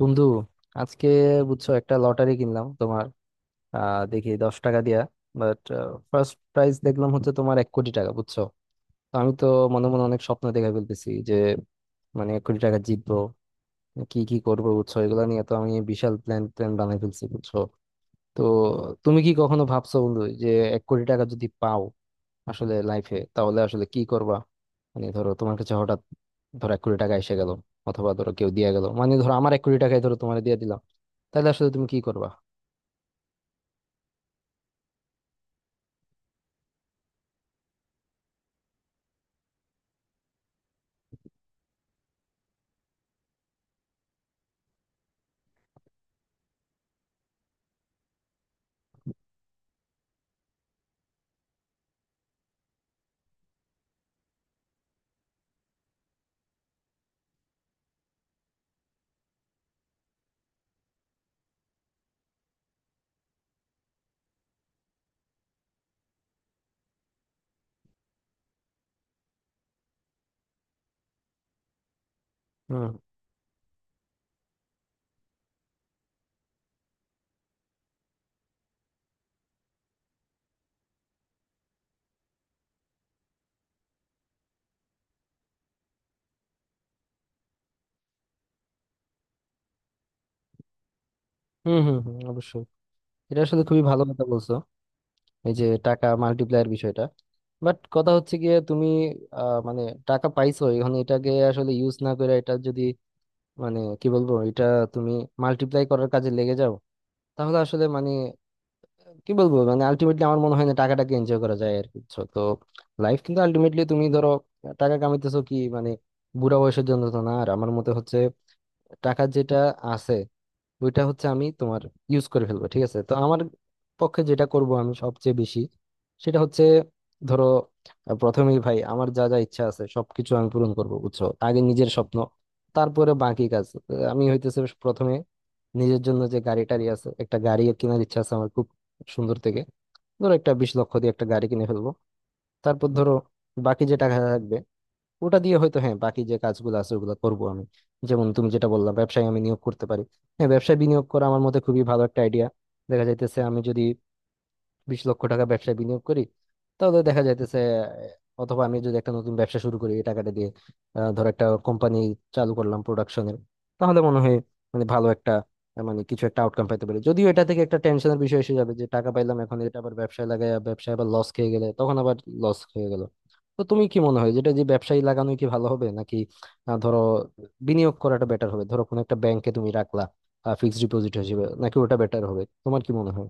বন্ধু, আজকে বুঝছো, একটা লটারি কিনলাম তোমার। দেখি 10 টাকা দিয়া। বাট ফার্স্ট প্রাইজ দেখলাম হচ্ছে তোমার 1 কোটি টাকা, বুঝছো। তো আমি তো মনে মনে অনেক স্বপ্ন দেখে ফেলতেছি যে, মানে 1 কোটি টাকা জিতবো, কি কি করবো বুঝছো। এগুলা নিয়ে তো আমি বিশাল প্ল্যান প্ল্যান বানাই ফেলছি বুঝছো। তো তুমি কি কখনো ভাবছো বন্ধু যে এক কোটি টাকা যদি পাও আসলে লাইফে, তাহলে আসলে কি করবা? মানে ধরো তোমার কাছে হঠাৎ, ধরো 1 কোটি টাকা এসে গেল, অথবা ধরো কেউ দিয়ে গেল, মানে ধরো আমার 1 কোটি টাকাই ধরো তোমার দিয়ে দিলাম, তাহলে আসলে তুমি কি করবা? হুম হুম হুম হুম, অবশ্যই। এটা আসলে খুবই ভালো কথা বলছো, এই যে টাকা মাল্টিপ্লায়ার বিষয়টা। বাট কথা হচ্ছে গিয়ে তুমি মানে টাকা পাইছো, এখন এটাকে আসলে ইউজ না করে এটা যদি, মানে কি বলবো এটা, তুমি মাল্টিপ্লাই করার কাজে লেগে যাও, তাহলে আসলে মানে কি বলবো, মানে আলটিমেটলি আমার মনে হয় না টাকাটাকে এনজয় করা যায় আর কি বুঝছো? তো লাইফ কিন্তু আলটিমেটলি তুমি ধরো টাকা কামাইতেছো কি, মানে বুড়া বয়সের জন্য তো না। আর আমার মতে হচ্ছে টাকা যেটা আছে, ওইটা হচ্ছে আমি তোমার ইউজ করে ফেলবো, ঠিক আছে। তো আমার পক্ষে যেটা করব আমি সবচেয়ে বেশি, সেটা হচ্ছে ধরো, প্রথমেই ভাই আমার যা যা ইচ্ছা আছে সবকিছু আমি পূরণ করব বুঝছো, আগে নিজের স্বপ্ন, তারপরে বাকি কাজ। আমি হইতেছে প্রথমে নিজের জন্য যে গাড়ি টাড়ি আছে, একটা গাড়ি কেনার ইচ্ছা আছে আমার খুব সুন্দর থেকে। ধরো একটা 20 লক্ষ দিয়ে একটা গাড়ি কিনে ফেলবো। তারপর ধরো বাকি যে টাকা থাকবে ওটা দিয়ে হয়তো হ্যাঁ বাকি যে কাজগুলো আছে ওগুলো করবো আমি। যেমন তুমি যেটা বললা ব্যবসায় আমি নিয়োগ করতে পারি। হ্যাঁ, ব্যবসায় বিনিয়োগ করা আমার মতে খুবই ভালো একটা আইডিয়া। দেখা যাইতেছে আমি যদি 20 লক্ষ টাকা ব্যবসায় বিনিয়োগ করি, তাহলে দেখা যাইতেছে অথবা আমি যদি একটা নতুন ব্যবসা শুরু করি এই টাকাটা দিয়ে, ধর একটা কোম্পানি চালু করলাম প্রোডাকশনের, তাহলে মনে হয় মানে ভালো একটা, মানে কিছু একটা আউটকাম পাইতে পারি। যদিও এটা থেকে একটা টেনশনের বিষয় এসে যাবে যে টাকা পাইলাম এখন এটা আবার ব্যবসায় লাগাই, ব্যবসায় আবার লস খেয়ে গেলে তখন আবার লস হয়ে গেল। তো তুমি কি মনে হয় যেটা যে ব্যবসায়ী লাগানোই কি ভালো হবে, নাকি ধরো বিনিয়োগ করাটা বেটার হবে, ধরো কোনো একটা ব্যাংকে তুমি রাখলা ফিক্সড ডিপোজিট হিসেবে, নাকি ওটা বেটার হবে তোমার কি মনে হয়?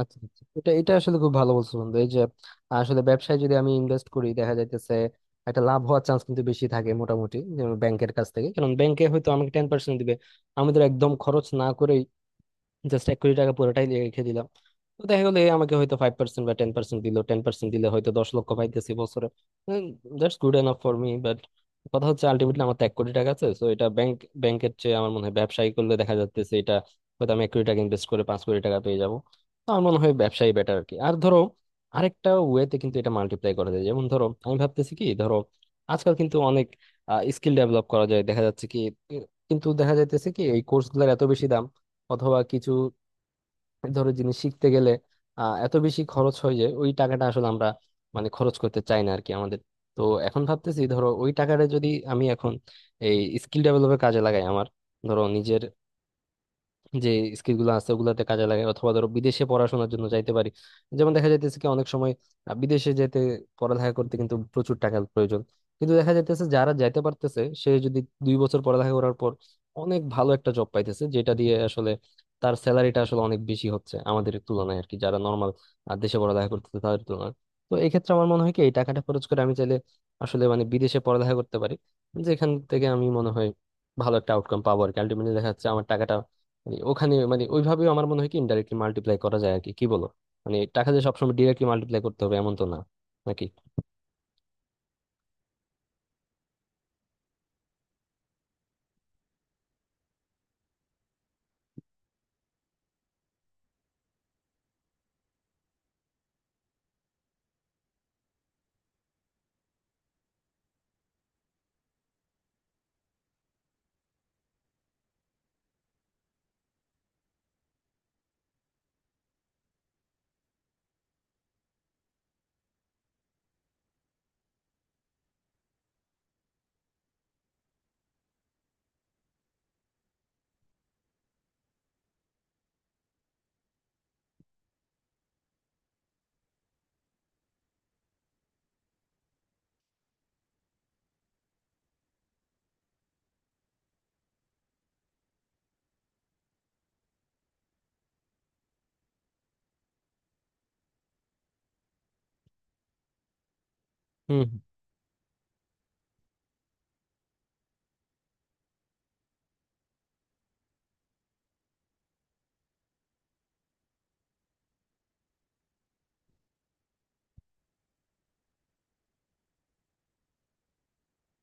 আচ্ছা আচ্ছা। এটা এটা আসলে খুব ভালো বলছো বন্ধু। এই যে আসলে ব্যবসায় যদি আমি ইনভেস্ট করি দেখা যাইতেছে একটা লাভ হওয়ার চান্স কিন্তু বেশি থাকে মোটামুটি, যেমন ব্যাংকের কাছ থেকে, কারণ ব্যাংকে হয়তো আমাকে 10% দিবে। আমি তো একদম খরচ না করে জাস্ট 1 কোটি টাকা পুরোটাই রেখে দিলাম, তো দেখা গেলো এ আমাকে হয়তো 5% বা 10% দিল, 10% দিলে হয়তো 10 লক্ষ পাইতেছি বছরে। That's good enough for me. But কথা হচ্ছে আলটিমেটলি আমার তো 1 কোটি টাকা আছে, তো এটা ব্যাংকের চেয়ে আমার মনে হয় ব্যবসায়ী করলে দেখা যাচ্ছে এটা হয়তো আমি 1 কোটি টাকা ইনভেস্ট করে 5 কোটি টাকা পেয়ে যাবো। তো আমার মনে হয় ব্যবসায়ী বেটার আর কি। আর ধরো আরেকটা ওয়েতে কিন্তু এটা মাল্টিপ্লাই করা যায়। যেমন ধরো আমি ভাবতেছি কি, ধরো আজকাল কিন্তু অনেক স্কিল ডেভেলপ করা যায় দেখা যাচ্ছে কি, কিন্তু দেখা যাইতেছে কি এই কোর্স গুলোর এত বেশি দাম, অথবা কিছু ধরো জিনিস শিখতে গেলে এত বেশি খরচ হয় যে ওই টাকাটা আসলে আমরা মানে খরচ করতে চাই না আর কি আমাদের। তো এখন ভাবতেছি ধরো ওই টাকাটা যদি আমি এখন এই স্কিল ডেভেলপের কাজে লাগাই আমার, ধরো নিজের যে স্কিল গুলো আছে ওগুলাতে কাজে লাগে, অথবা ধরো বিদেশে পড়াশোনার জন্য যাইতে পারি। যেমন দেখা যাইতেছে কি অনেক সময় বিদেশে যেতে পড়ালেখা করতে কিন্তু প্রচুর টাকার প্রয়োজন, কিন্তু দেখা যাইতেছে যারা যাইতে পারতেছে সে যদি 2 বছর পড়ালেখা করার পর অনেক ভালো একটা জব পাইতেছে, যেটা দিয়ে আসলে তার স্যালারিটা আসলে অনেক বেশি হচ্ছে আমাদের তুলনায় আর কি, যারা নর্মাল দেশে পড়ালেখা করতেছে তাদের তুলনায়। তো এই ক্ষেত্রে আমার মনে হয় কি এই টাকাটা খরচ করে আমি চাইলে আসলে মানে বিদেশে পড়ালেখা করতে পারি, যেখান থেকে আমি মনে হয় ভালো একটা আউটকাম পাবো আর কি। আলটিমেটলি দেখা যাচ্ছে আমার টাকাটা মানে ওখানে, মানে ওইভাবেও আমার মনে হয় কি ইনডাইরেক্টলি মাল্টিপ্লাই করা যায় আর কি, কি বলো? মানে টাকা দিয়ে সবসময় ডিরেক্টলি মাল্টিপ্লাই করতে হবে এমন তো না, নাকি? হুম।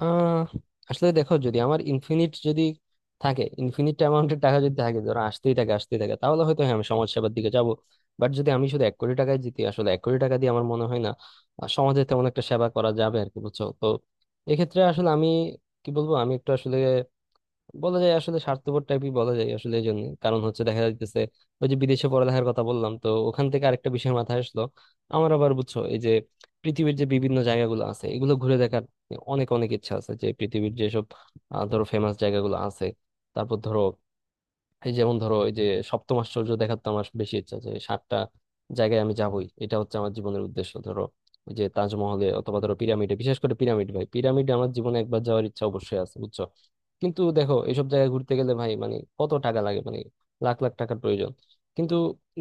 আহ আসলে দেখো যদি আমার ইনফিনিট যদি থাকে, ইনফিনিট অ্যামাউন্টের টাকা যদি থাকে ধরো, আসতেই থাকে আসতেই থাকে, তাহলে হয়তো হ্যাঁ আমি সমাজসেবার দিকে যাব। বাট যদি আমি শুধু 1 কোটি টাকায় জিতি, আসলে 1 কোটি টাকা দিয়ে আমার মনে হয় না সমাজের তেমন একটা সেবা করা যাবে আর কি বুঝছো। তো এক্ষেত্রে আসলে আমি কি বলবো, আমি একটু আসলে বলা যায় আসলে স্বার্থপর টাইপই বলা যায় আসলে এই জন্য। কারণ হচ্ছে দেখা যাইতেছে ওই যে বিদেশে পড়ালেখার কথা বললাম তো ওখান থেকে আরেকটা বিষয় মাথায় আসলো আমার আবার বুঝছো। এই যে পৃথিবীর যে বিভিন্ন জায়গাগুলো আছে এগুলো ঘুরে দেখার অনেক অনেক ইচ্ছা আছে, যে পৃথিবীর যেসব ধরো ফেমাস জায়গাগুলো আছে, তারপর ধরো এই যেমন ধরো এই যে সপ্তম আশ্চর্য দেখার, তো আমার বেশি ইচ্ছা যে সাতটা জায়গায় আমি যাবই, এটা হচ্ছে আমার জীবনের উদ্দেশ্য। ধরো ওই যে তাজমহলে, অথবা ধরো পিরামিডে, বিশেষ করে পিরামিড ভাই, পিরামিডে আমার জীবনে একবার যাওয়ার ইচ্ছা অবশ্যই আছে বুঝছো। কিন্তু দেখো এসব জায়গায় ঘুরতে গেলে ভাই মানে কত টাকা লাগে, মানে লাখ লাখ টাকার প্রয়োজন। কিন্তু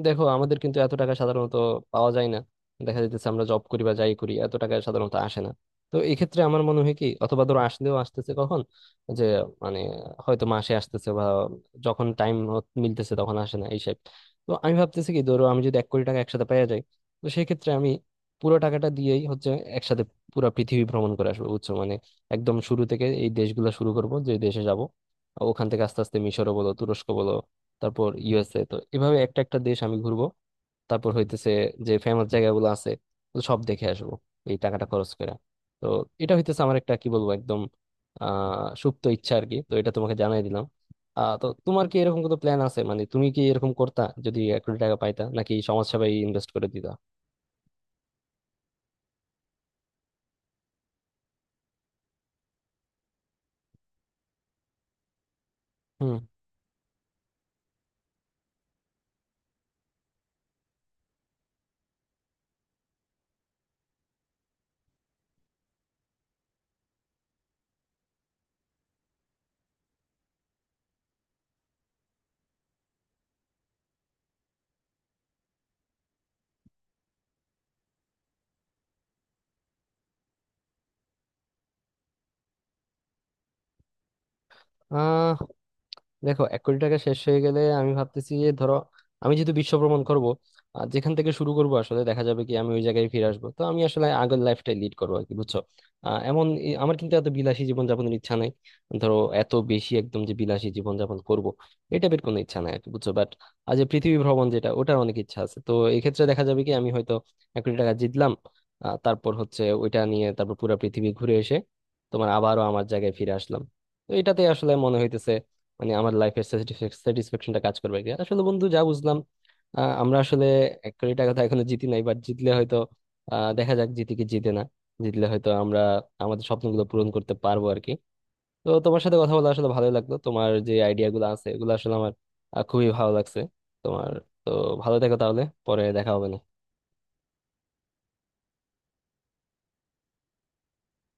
দেখো আমাদের কিন্তু এত টাকা সাধারণত পাওয়া যায় না, দেখা যাইতেছে আমরা জব করি বা যাই করি এত টাকা সাধারণত আসে না। তো এই ক্ষেত্রে আমার মনে হয় কি, অথবা ধরো আসলেও আসতেছে কখন, যে মানে হয়তো মাসে আসতেছে, যখন টাইম মিলতেছে তখন আসে না এই shape। তো আমি ভাবতেছি কি ধরো আমি যদি 1 কোটি টাকা একসাথে পেয়ে যাই, তো সেক্ষেত্রে আমি পুরো টাকাটা দিয়েই হচ্ছে একসাথে পুরো পৃথিবী ভ্রমণ করে আসবো বুঝছো। মানে একদম শুরু থেকে এই দেশগুলো শুরু করব, যে দেশে যাব ওখান থেকে আস্তে আস্তে, মিশরও বলো তুরস্ক বলো, তারপর USA, তো এভাবে একটা একটা দেশ আমি ঘুরবো। তারপর হইতেছে যে ফেমাস জায়গাগুলো আছে তো সব দেখে আসবো এই টাকাটা খরচ করে। তো এটা হইতেছে আমার একটা কি বলবো একদম সুপ্ত ইচ্ছা আর কি। তো এটা তোমাকে জানাই দিলাম। তো তোমার কি এরকম কোনো প্ল্যান আছে, মানে তুমি কি এরকম করতা যদি এক কোটি টাকা পাইতা, নাকি সমাজসেবায় ইনভেস্ট করে দিতা? হুম। আহ দেখো 1 কোটি টাকা শেষ হয়ে গেলে আমি ভাবতেছি যে ধরো, আমি যেহেতু বিশ্ব ভ্রমণ করবো আর যেখান থেকে শুরু করবো আসলে দেখা যাবে কি আমি ওই জায়গায় ফিরে আসবো, তো আমি আসলে আগের লাইফটাই লিড করবো আর কি বুঝছো। আমার কিন্তু এত বিলাসী জীবনযাপনের ইচ্ছা নাই। ধরো এত বেশি একদম যে বিলাসী জীবনযাপন করবো এটা বের কোনো ইচ্ছা নাই আর কি বুঝছো। বাট আজ যে পৃথিবী ভ্রমণ যেটা ওটার অনেক ইচ্ছা আছে, তো এই ক্ষেত্রে দেখা যাবে কি আমি হয়তো 1 কোটি টাকা জিতলাম, তারপর হচ্ছে ওইটা নিয়ে তারপর পুরো পৃথিবী ঘুরে এসে তোমার আবারও আমার জায়গায় ফিরে আসলাম। তো এটাতে আসলে মনে হইতেছে মানে আমার লাইফের স্যাটিসফ্যাকশনটা কাজ করবে কি আসলে? বন্ধু যা বুঝলাম, আমরা আসলে 1 কোটি টাকা তো এখনো জিতি নাই, বাট জিতলে হয়তো, দেখা যাক জিতি কি জিতে না, জিতলে হয়তো আমরা আমাদের স্বপ্নগুলো পূরণ করতে পারবো আর কি। তো তোমার সাথে কথা বলে আসলে ভালোই লাগলো, তোমার যে আইডিয়া গুলো আছে এগুলো আসলে আমার খুবই ভালো লাগছে তোমার। তো ভালো থেকো তাহলে, পরে দেখা হবে না।